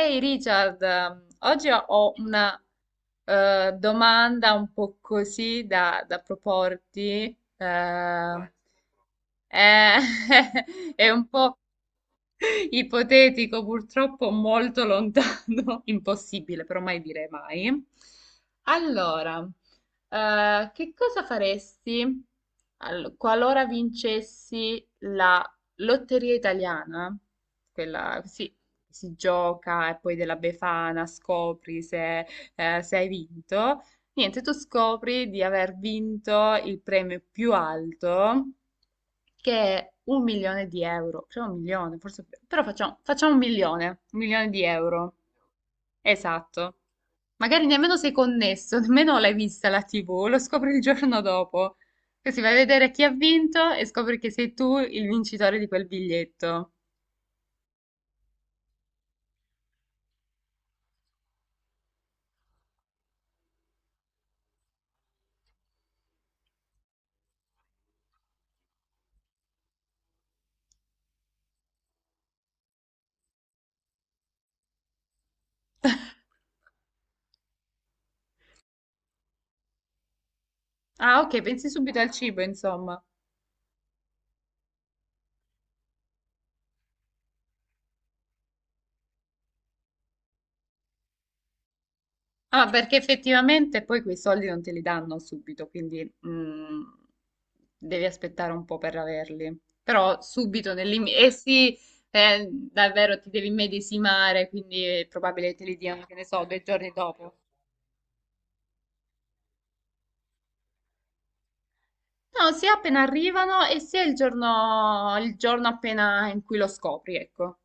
Ehi Richard, oggi ho una domanda un po' così da proporti. Vai. eh, è un po' ipotetico, purtroppo molto lontano, impossibile, però mai dire mai. Allora, che cosa faresti qualora vincessi la lotteria italiana? Quella, sì, si gioca e poi della Befana scopri se hai vinto. Niente, tu scopri di aver vinto il premio più alto che è un milione di euro, cioè un milione, forse, però facciamo un milione di euro, esatto. Magari nemmeno sei connesso, nemmeno l'hai vista la TV, lo scopri il giorno dopo. Così vai a vedere chi ha vinto e scopri che sei tu il vincitore di quel biglietto. Ah, ok, pensi subito al cibo, insomma. Ah, perché effettivamente poi quei soldi non te li danno subito, quindi devi aspettare un po' per averli. Però subito nel limite. Eh sì, davvero ti devi immedesimare, quindi è probabile che te li diano, che ne so, 2 giorni dopo. No, sia appena arrivano e sia il giorno appena in cui lo scopri, ecco.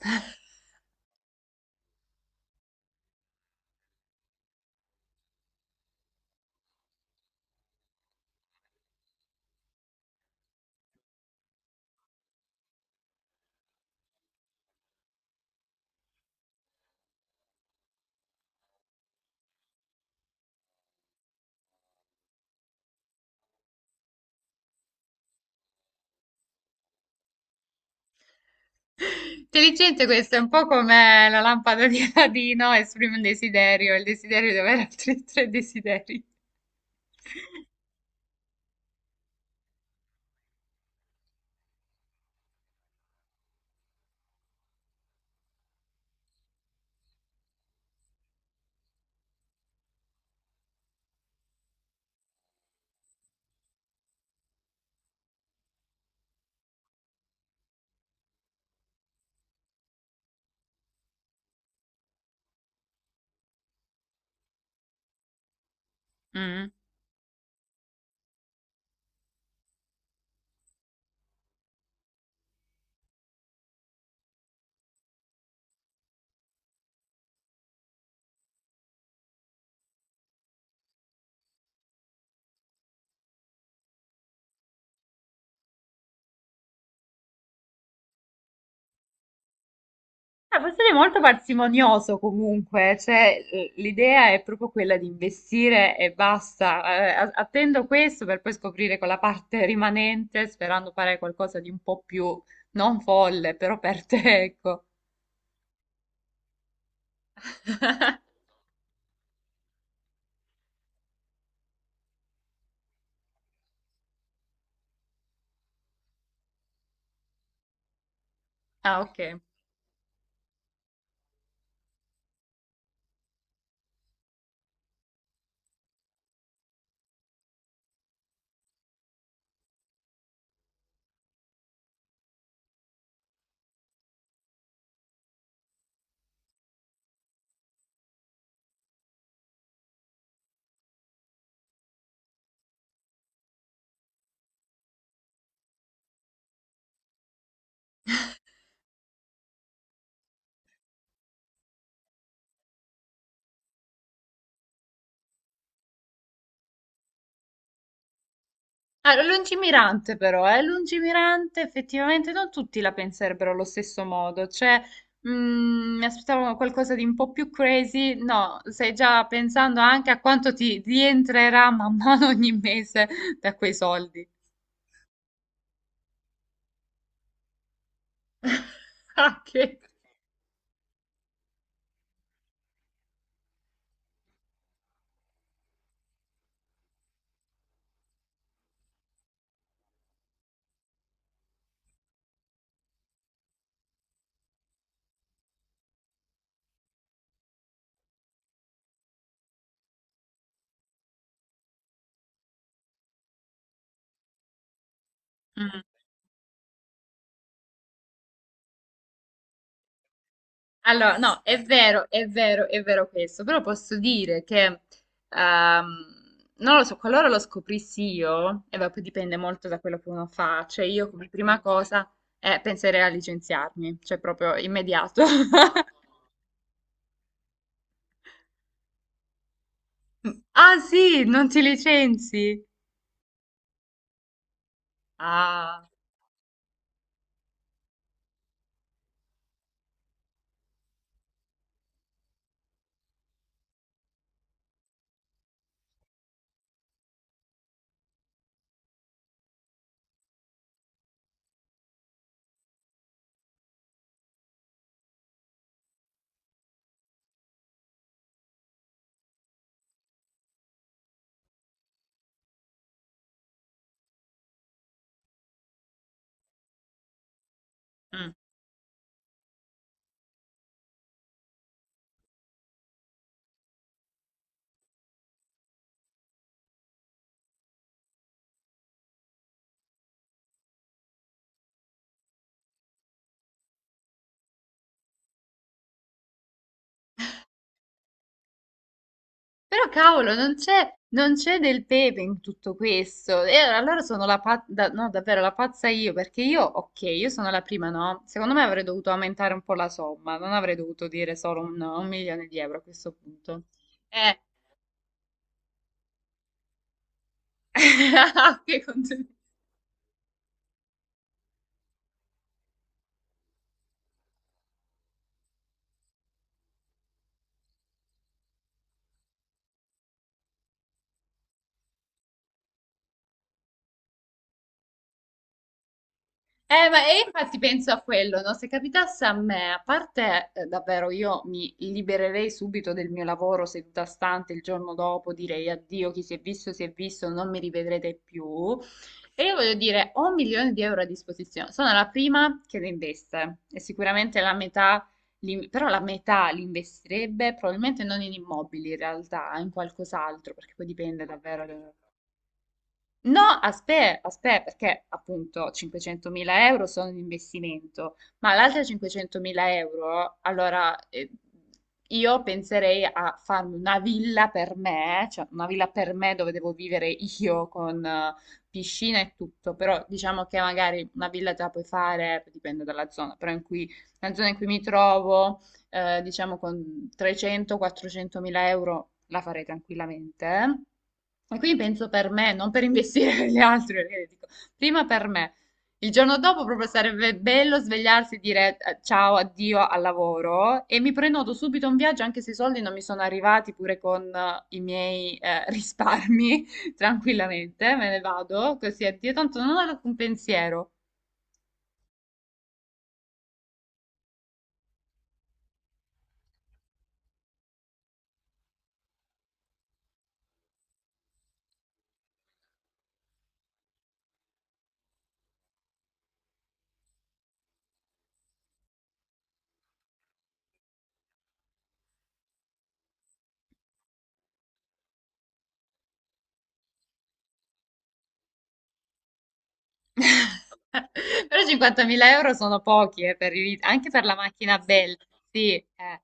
Intelligente questo, è un po' come la lampada di Aladino, esprime un desiderio, il desiderio di avere altri tre desideri. Mm. Ah, può essere molto parsimonioso comunque, cioè l'idea è proprio quella di investire e basta. Attendo questo per poi scoprire quella parte rimanente, sperando fare qualcosa di un po' più non folle, però per te, ecco. Ah, ok. Ah, lungimirante però, eh? Lungimirante, effettivamente non tutti la penserebbero allo stesso modo, cioè mi aspettavo qualcosa di un po' più crazy, no, stai già pensando anche a quanto ti rientrerà man mano ogni mese da quei soldi. Ah, che... Mm. Allora, no, è vero, è vero, è vero questo, però posso dire che, ehm, non lo so, qualora lo scoprissi io, e vabbè, poi dipende molto da quello che uno fa, cioè io come prima cosa penserei a licenziarmi, cioè proprio immediato. Ah sì, non ti licenzi? Ah, mm. Però cavolo, non c'è del pepe in tutto questo. E allora sono la pazza, no, davvero la pazza io, perché io, ok, io sono la prima, no? Secondo me avrei dovuto aumentare un po' la somma, non avrei dovuto dire solo un, no, un milione di euro a questo punto. Eh, ok, ma e infatti penso a quello, no? Se capitasse a me, a parte davvero io mi libererei subito del mio lavoro seduta stante il giorno dopo, direi addio, chi si è visto, non mi rivedrete più. E io voglio dire, ho un milione di euro a disposizione, sono la prima che le investe e sicuramente la metà, però la metà li investirebbe probabilmente non in immobili in realtà, in qualcos'altro, perché poi dipende davvero. No, aspetta, aspetta, perché appunto 500.000 euro sono un investimento, ma l'altra 500.000 euro, allora io penserei a farmi una villa per me, cioè una villa per me dove devo vivere io con piscina e tutto, però diciamo che magari una villa te la puoi fare, dipende dalla zona, però in cui, la zona in cui mi trovo diciamo con 300-400 mila euro la farei tranquillamente. E quindi penso per me, non per investire per gli altri, perché dico, prima per me. Il giorno dopo proprio sarebbe bello svegliarsi e dire ciao, addio al lavoro e mi prenoto subito un viaggio anche se i soldi non mi sono arrivati pure con i miei risparmi, tranquillamente, me ne vado, così addio, tanto non ho un pensiero. Però 50.000 euro sono pochi, anche per la macchina bella. Sì, eh.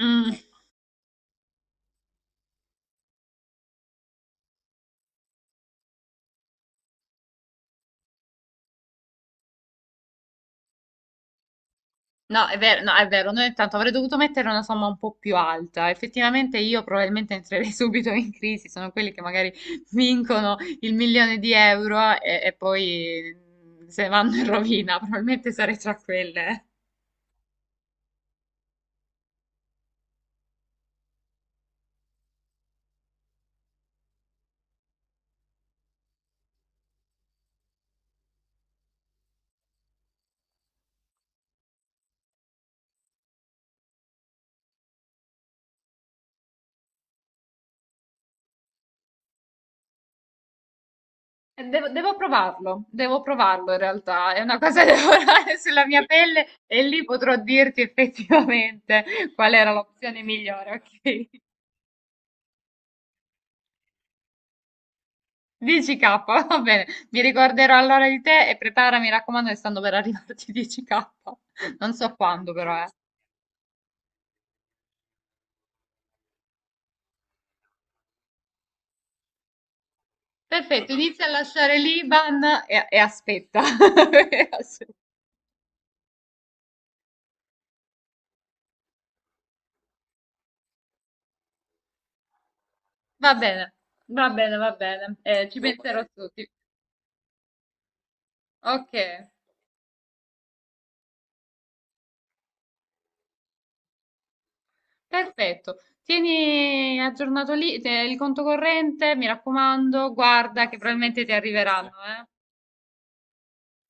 Mm, no, è vero, no, è vero, noi intanto avrei dovuto mettere una somma un po' più alta. Effettivamente io probabilmente entrerei subito in crisi, sono quelli che magari vincono il milione di euro e poi se vanno in rovina, probabilmente sarei tra quelle. Devo provarlo, devo provarlo in realtà, è una cosa da lavorare sulla mia pelle e lì potrò dirti effettivamente qual era l'opzione migliore, ok? 10k, va bene, mi ricorderò allora di te e prepara, mi raccomando, che stanno per arrivarti 10k, non so quando però, eh. Perfetto, inizia a lasciare l'IBAN e aspetta. Va bene, va bene, va bene, eh, ci penserò tutti. Ok. Perfetto, tieni aggiornato lì, il conto corrente, mi raccomando, guarda che probabilmente ti arriveranno, eh.